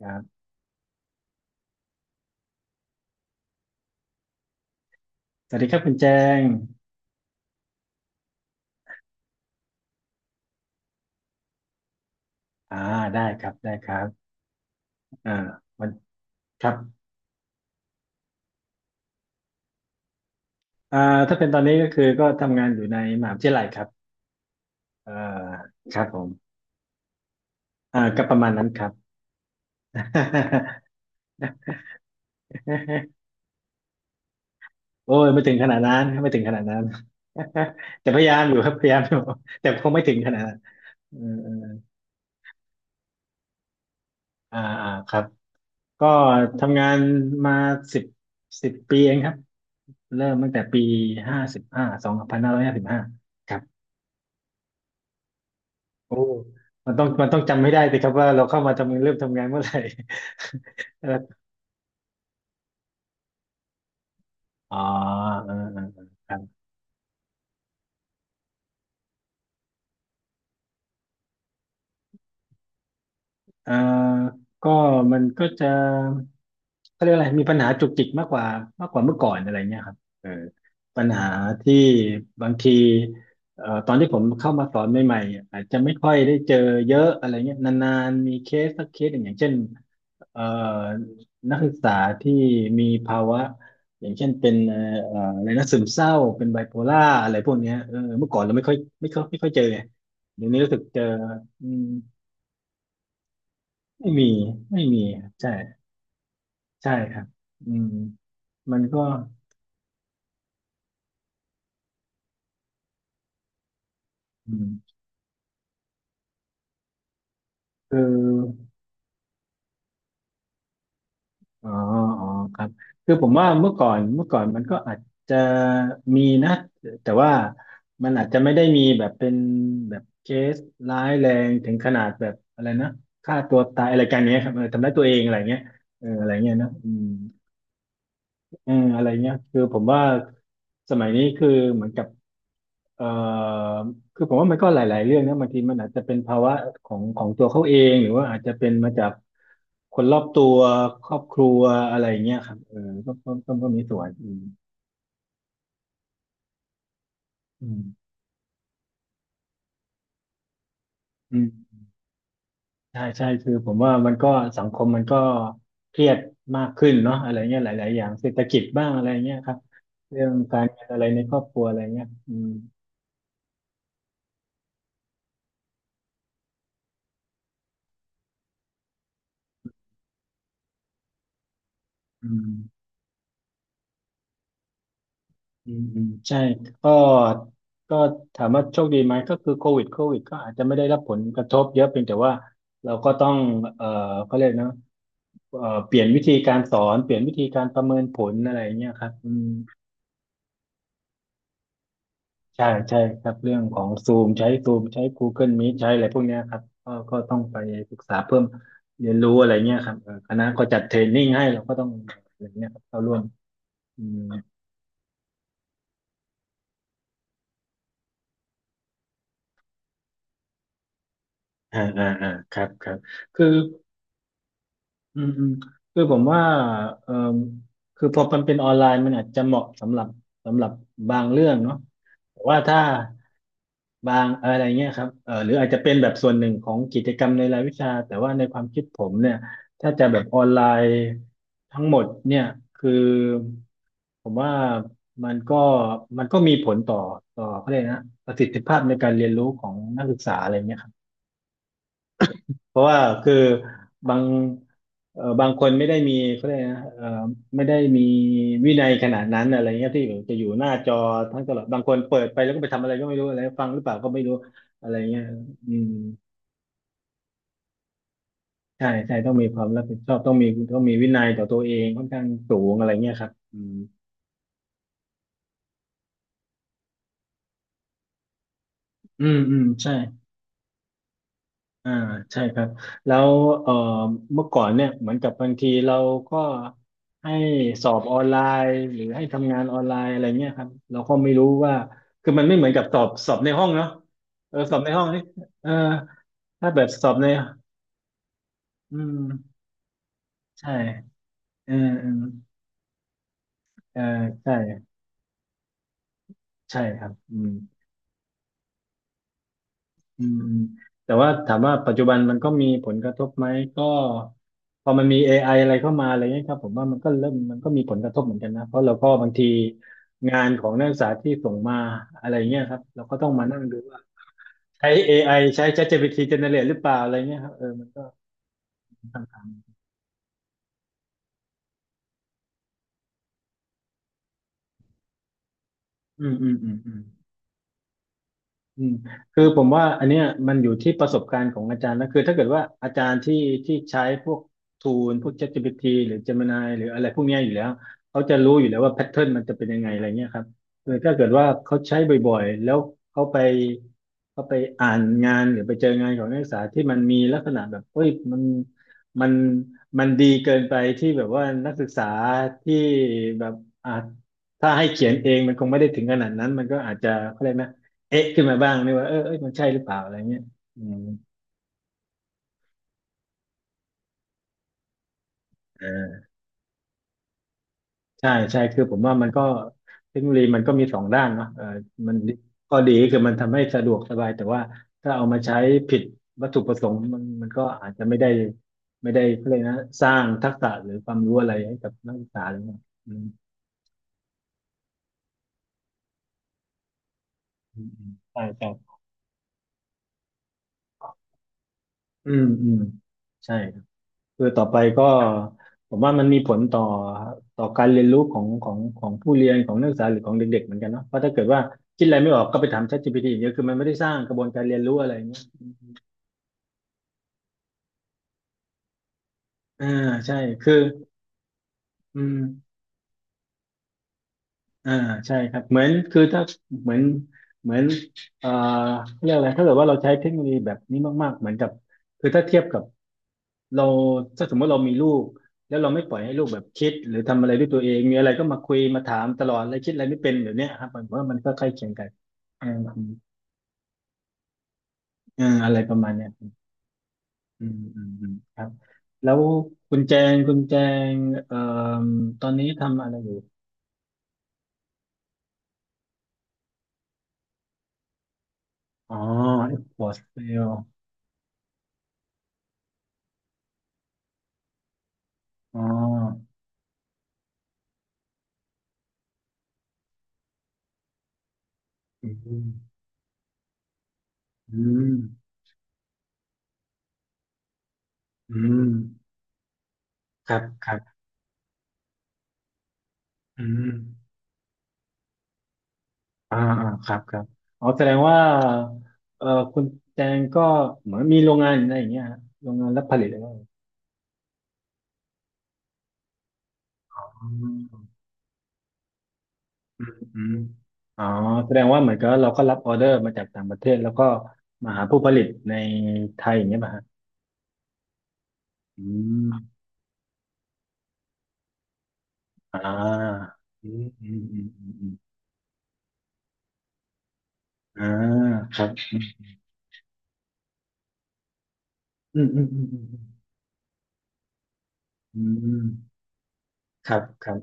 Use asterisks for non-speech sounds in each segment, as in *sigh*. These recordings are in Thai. ครับสวัสดีครับคุณแจงอ่าได้ครับได้ครับอ่าวันครับอ่าถ้าเป็นตอนนี้ก็คือก็ทำงานอยู่ในมหาวิทยาลัยครับเอ่อครับผมก็ประมาณนั้นครับ *laughs* โอ้ยไม่ถึงขนาดนั้นไม่ถึงขนาดนั้น *laughs* แต่พยายามอยู่ครับพยายามอยู่แต่คงไม่ถึงขนาดนั้นเออเอออ่าอ่าครับก็ทำงานมาสิบสิบปีเองครับเริ่มตั้งแต่ปีห้าสิบห้า2555 โอ้มันต้องจำไม่ได้สิครับว่าเราเข้ามาทำงานเริ่มทำงานเมื่อไหร่ *laughs* อ๋อเออเออเออครับ อ่าก็มันก็จะเขาเรียกอะไรมีปัญหาจุกจิกมากกว่ามากกว่าเมื่อก่อนอะไรเงี้ยครับเออปัญหาที่บางทีตอนที่ผมเข้ามาสอนใหม่ๆ อาจจะไม่ค่อยได้เจอเยอะอะไรเงี้ยนานๆมีเคสสักเคสหนึ่งอย่างเช่นเอ่อนักศึกษาที่มีภาวะอย่างเช่นเป็นอะไรนะซึมเศร้า เป็นไบโพล่าอะไรพวกเนี้ยเออเมื่อก่อนเราไม่ค่อยไม่ค่อยไม่ค่อยเจอไงเดี๋ยวนี้รู้สึกเจอ ไม่มีไม่มีใช่ใช่ครับอืมมันก็อืมคืออ๋ออ๋อครับคือผมว่าเมื่อก่อนมันก็อาจจะมีนะแต่ว่ามันอาจจะไม่ได้มีแบบเป็นแบบเคสร้ายแรงถึงขนาดแบบอะไรนะฆ่าตัวตายอะไรกันเนี้ยครับเออทำร้ายตัวเองอะไรเงี้ยเอออะไรเงี้ยเนอะอืม เอออะไรเงี้ยคือผมว่าสมัยนี้คือเหมือนกับเอ่อคือผมว่ามันก็หลายๆเรื่องนะบางทีมันอาจจะเป็นภาวะของของตัวเขาเองหรือว่าอาจจะเป็นมาจากคนรอบตัวครอบครัวอะไรเงี้ยครับเออก็มีส่วนอืมอืมอืมใช่ใช่คือผมว่ามันก็สังคมมันก็เครียดมากขึ้นเนาะอะไรเงี้ยหลายๆอย่างเศรษฐกิจบ้างอะไรเงี้ยครับเรื่องการเงินอะไรในครอบครัวอะไรเงี้ยอืมอืม อืมอืมใช่ก็ก็ถามว่าโชคดีไหมก็คือโควิดก็อาจจะไม่ได้รับผลกระทบเยอะเพียงแต่ว่าเราก็ต้องเอ่อเขาเรียกนะเปลี่ยนวิธีการสอนเปลี่ยนวิธีการประเมินผลอะไรเงี้ยครับอืมใช่ใช่ครับเรื่องของซูมใช้ซูมใช้ Google Meet ใช้อะไรพวกเนี้ยครับก็ต้องไปศึกษาเพิ่มเรียนรู้อะไรเงี้ยครับเออคณะก็จัดเทรนนิ่งให้เราก็ต้องอะไรเงี้ยครับเข้าร่วมอืมอ่าอ่าอ่าครับครับคือ อืมอืมคือผมว่าเอ่อคือพอมันเป็นออนไลน์มันอาจจะเหมาะสำหรับสำหรับบางเรื่องเนาะแต่ว่าถ้าบางอะไรเงี้ยครับหรืออาจจะเป็นแบบส่วนหนึ่งของกิจกรรมในรายวิชาแต่ว่าในความคิดผมเนี่ยถ้าจะแบบออนไลน์ทั้งหมดเนี่ยคือผมว่ามันก็มันก็มีผลต่อต่อเขาเรียกนะประสิทธิภาพในการเรียนรู้ของนักศึกษาอะไรเงี้ยครับ เพราะว่าคือบางบางคนไม่ได้มีเขาเรียกนะไม่ได้มีวินัยขนาดนั้นอะไรเงี้ยที่แบบจะอยู่หน้าจอทั้งตลอดบางคนเปิดไปแล้วก็ไปทำอะไรก็ไม่รู้อะไรฟังหรือเปล่าก็ไม่รู้อะไรเงี้ยอืมใช่ใช่ต้องมีความรับผิดชอบต้องมีต้องมีวินัยต่อตัวเองค่อนข้างสูงอะไรเงี้ยครับอืมอืมอืมใช่ อ่าใช่ครับแล้วเอ่อเมื่อก่อนเนี่ยเหมือนกับบางทีเราก็ให้สอบออนไลน์หรือให้ทำงานออนไลน์อะไรเงี้ยครับเราก็ไม่รู้ว่าคือมันไม่เหมือนกับสอบในห้องเนาะเออสอบในห้องนี่เออถ้าแบบสอบในอืมใช่เออเออเออใช่ใช่ครับอืม อืมอืมแต่ว่าถามว่าปัจจุบันมันก็มีผลกระทบไหมก็พอมันมี AI อะไรเข้ามาอะไรเงี้ยครับผมว่ามันก็เริ่มมันก็มีผลกระทบเหมือนกันนะเพราะเราก็บางทีงานของนักศึกษาที่ส่งมาอะไรเงี้ยครับเราก็ต้องมานั่งดูว่าใช้ AI ใช้ ChatGPT generate หรือเปล่าอะไรเงี้ยครับเออมันก็อืมอืมอืมอืม อืมคือผมว่าอันเนี้ยมันอยู่ที่ประสบการณ์ของอาจารย์นะคือถ้าเกิดว่าอาจารย์ที่ที่ใช้พวกทูลพวก ChatGPT หรือ Gemini หรืออะไรพวกเนี้ยอยู่แล้วเขาจะรู้อยู่แล้วว่าแพทเทิร์นมันจะเป็นยังไงอะไรเงี้ยครับคือถ้าเกิดว่าเขาใช้บ่อยๆแล้วเขาไปเขาไปอ่านงานหรือไปเจองานของนักศึกษาที่มันมีลักษณะแบบเอ้ยมันมันดีเกินไปที่แบบว่านักศึกษาที่แบบอ่าถ้าให้เขียนเองมันคงไม่ได้ถึงขนาดนั้นมันก็อาจจะอะไรนะ เอ๊ะขึ้นมาบ้างนี่ว่าเออเอ้ยมันใช่หรือเปล่าอะไรเงี้ยอืมเออใช่ใช่คือผมว่ามันก็เทคโนโลยีมันก็มีสองด้านเนาะเออมันข้อดีคือมันทำให้สะดวกสบายแต่ว่าถ้าเอามาใช้ผิดวัตถุประสงค์มันก็อาจจะไม่ได้เขาเลยกนะสร้างทักษะหรือความรู้อะไรให้กับนักศึกษาหรือเปล่าอืมอืมอืมใช่ใช่อืมอืมใช่ คือต่อไปก็ผมว่ามันมีผลต่อต่อการเรียนรู้ของผู้เรียนของนักศึกษาหรือของเด็กๆเหมือนกันเนาะเพราะถ้าเกิดว่าคิดอะไรไม่ออกก็ไปถาม ChatGPT อย่างเดียวคือมันไม่ได้สร้างกระบวนการเรียนรู้อะไรอย่างเงี้ยอ่าใช่คืออืมอ่าใช่ครับเหมือนคือถ้าเหมือนเหมือนเอ่อเรียกอะไรถ้าเกิดว่าเราใช้เทคโนโลยีแบบนี้มากๆเหมือนกับคือถ้าเทียบกับ เราถ้าสมมติเรามีลูกแล้วเราไม่ปล่อยให้ลูกแบบคิดหรือทำอะไรด้วยตัวเองมีอะไรก็มาคุยมาถามตลอดอะไรคิดอะไรไม่เป็นแบบเนี้ยครับผมว่ามันก็ใกล้เคียงกันอืมอืมอืมอะไรประมาณเนี้ยอืมอืมอืมครับแล้วคุณแจงเอ่อตอนนี้ทำอะไรอยู่อ๋อเอ็กซ์พอร์ตเซลอ๋ออืมอืมอืมครับครับอืม อ่าอ่าครับครับอ๋อแสดงว่าเอ่อคุณแจงก็เหมือนมีโรงงานอะไรอย่างเงี้ยฮะโรงงานรับผลิตอะไรอย่างี้อ๋ออืมอืมอ๋อแสดงว่าเหมือนกับเราก็รับออเดอร์มาจากต่างประเทศแล้วก็มาหาผู้ผลิตในไทยอย่างเงี้ยป่ะฮะอืมอ่าอืมอืมอืมอืมอืมอ่าครับอืมอืมอืมอืมอืมครับครับ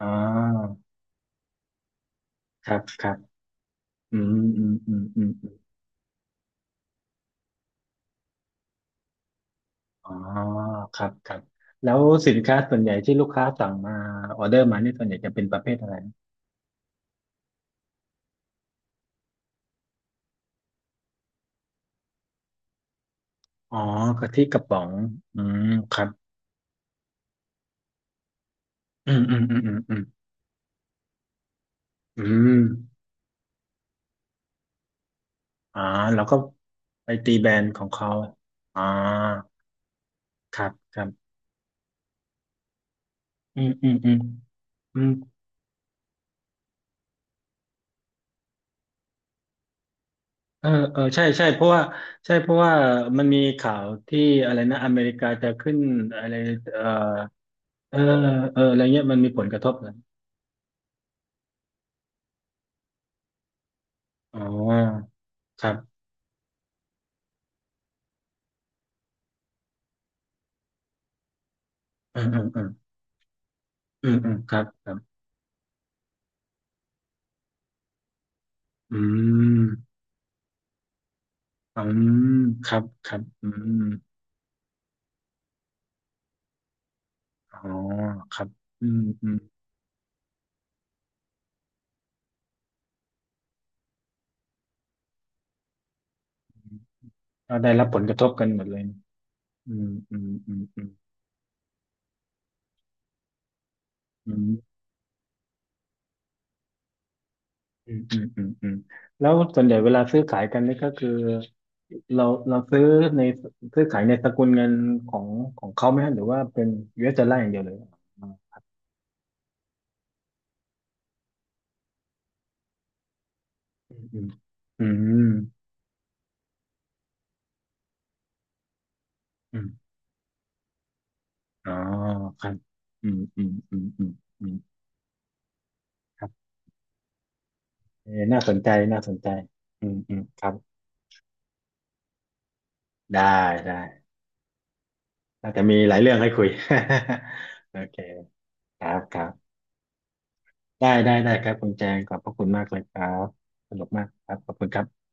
อ่าครับครับอืมอืมอืมอืม อ๋อครับครับ แล้วสินค้าส่วนใหญ่ที่ลูกค้าสั่งมาออเดอร์มานี่ส่วนใหญ่จะเป็นประเภทอะไรนะอ๋อกะทิกระป๋อง อืมครับอืมอืมอืมอืมอืมอืมอ๋อแล้วก็ไปตีแบรนด์ของเขาอ๋อครับครับอืมอืมอืมอืมเออเออใช่ใช่ เพราะว่าใช่เพราะว่ามันมีข่าวที่อะไรนะอเมริกาจะขึ้นอะไรเออเออเอออะไรเงี้ยมันมีผลกระทบนะอ๋อครับอืมอืม อืมอืมครับครับอืมอืมครับครับอืมอ๋อครับอืมอืมก็ได้รับผลกระทบกันหมดเลยอืมอืมอืมอืมอืมอืมอืมอืมอืมแล้วส่วนใหญ่เวลาซื้อขายกันนี่ก็คือเราเราซื้อในซื้อขายในสกุลเงินของของเขาไหมฮะหรือว่าเป็นยูเ s ดอลลาร์อย่างเดียวเลยอ๋ออืมอืมอืมอืมอ๋อครับอืมอืมอืมอืมอืมครับเออน่าสนใจน่าสนใจอืมอืมครับ ได้ได้น่าจะมีหลายเรื่องให้คุย *laughs* โอเคครับครับได้ได้ได้ครับคุณแจงขอบพระคุณมากเลยครับสนุกมากครับขอบคุณครับ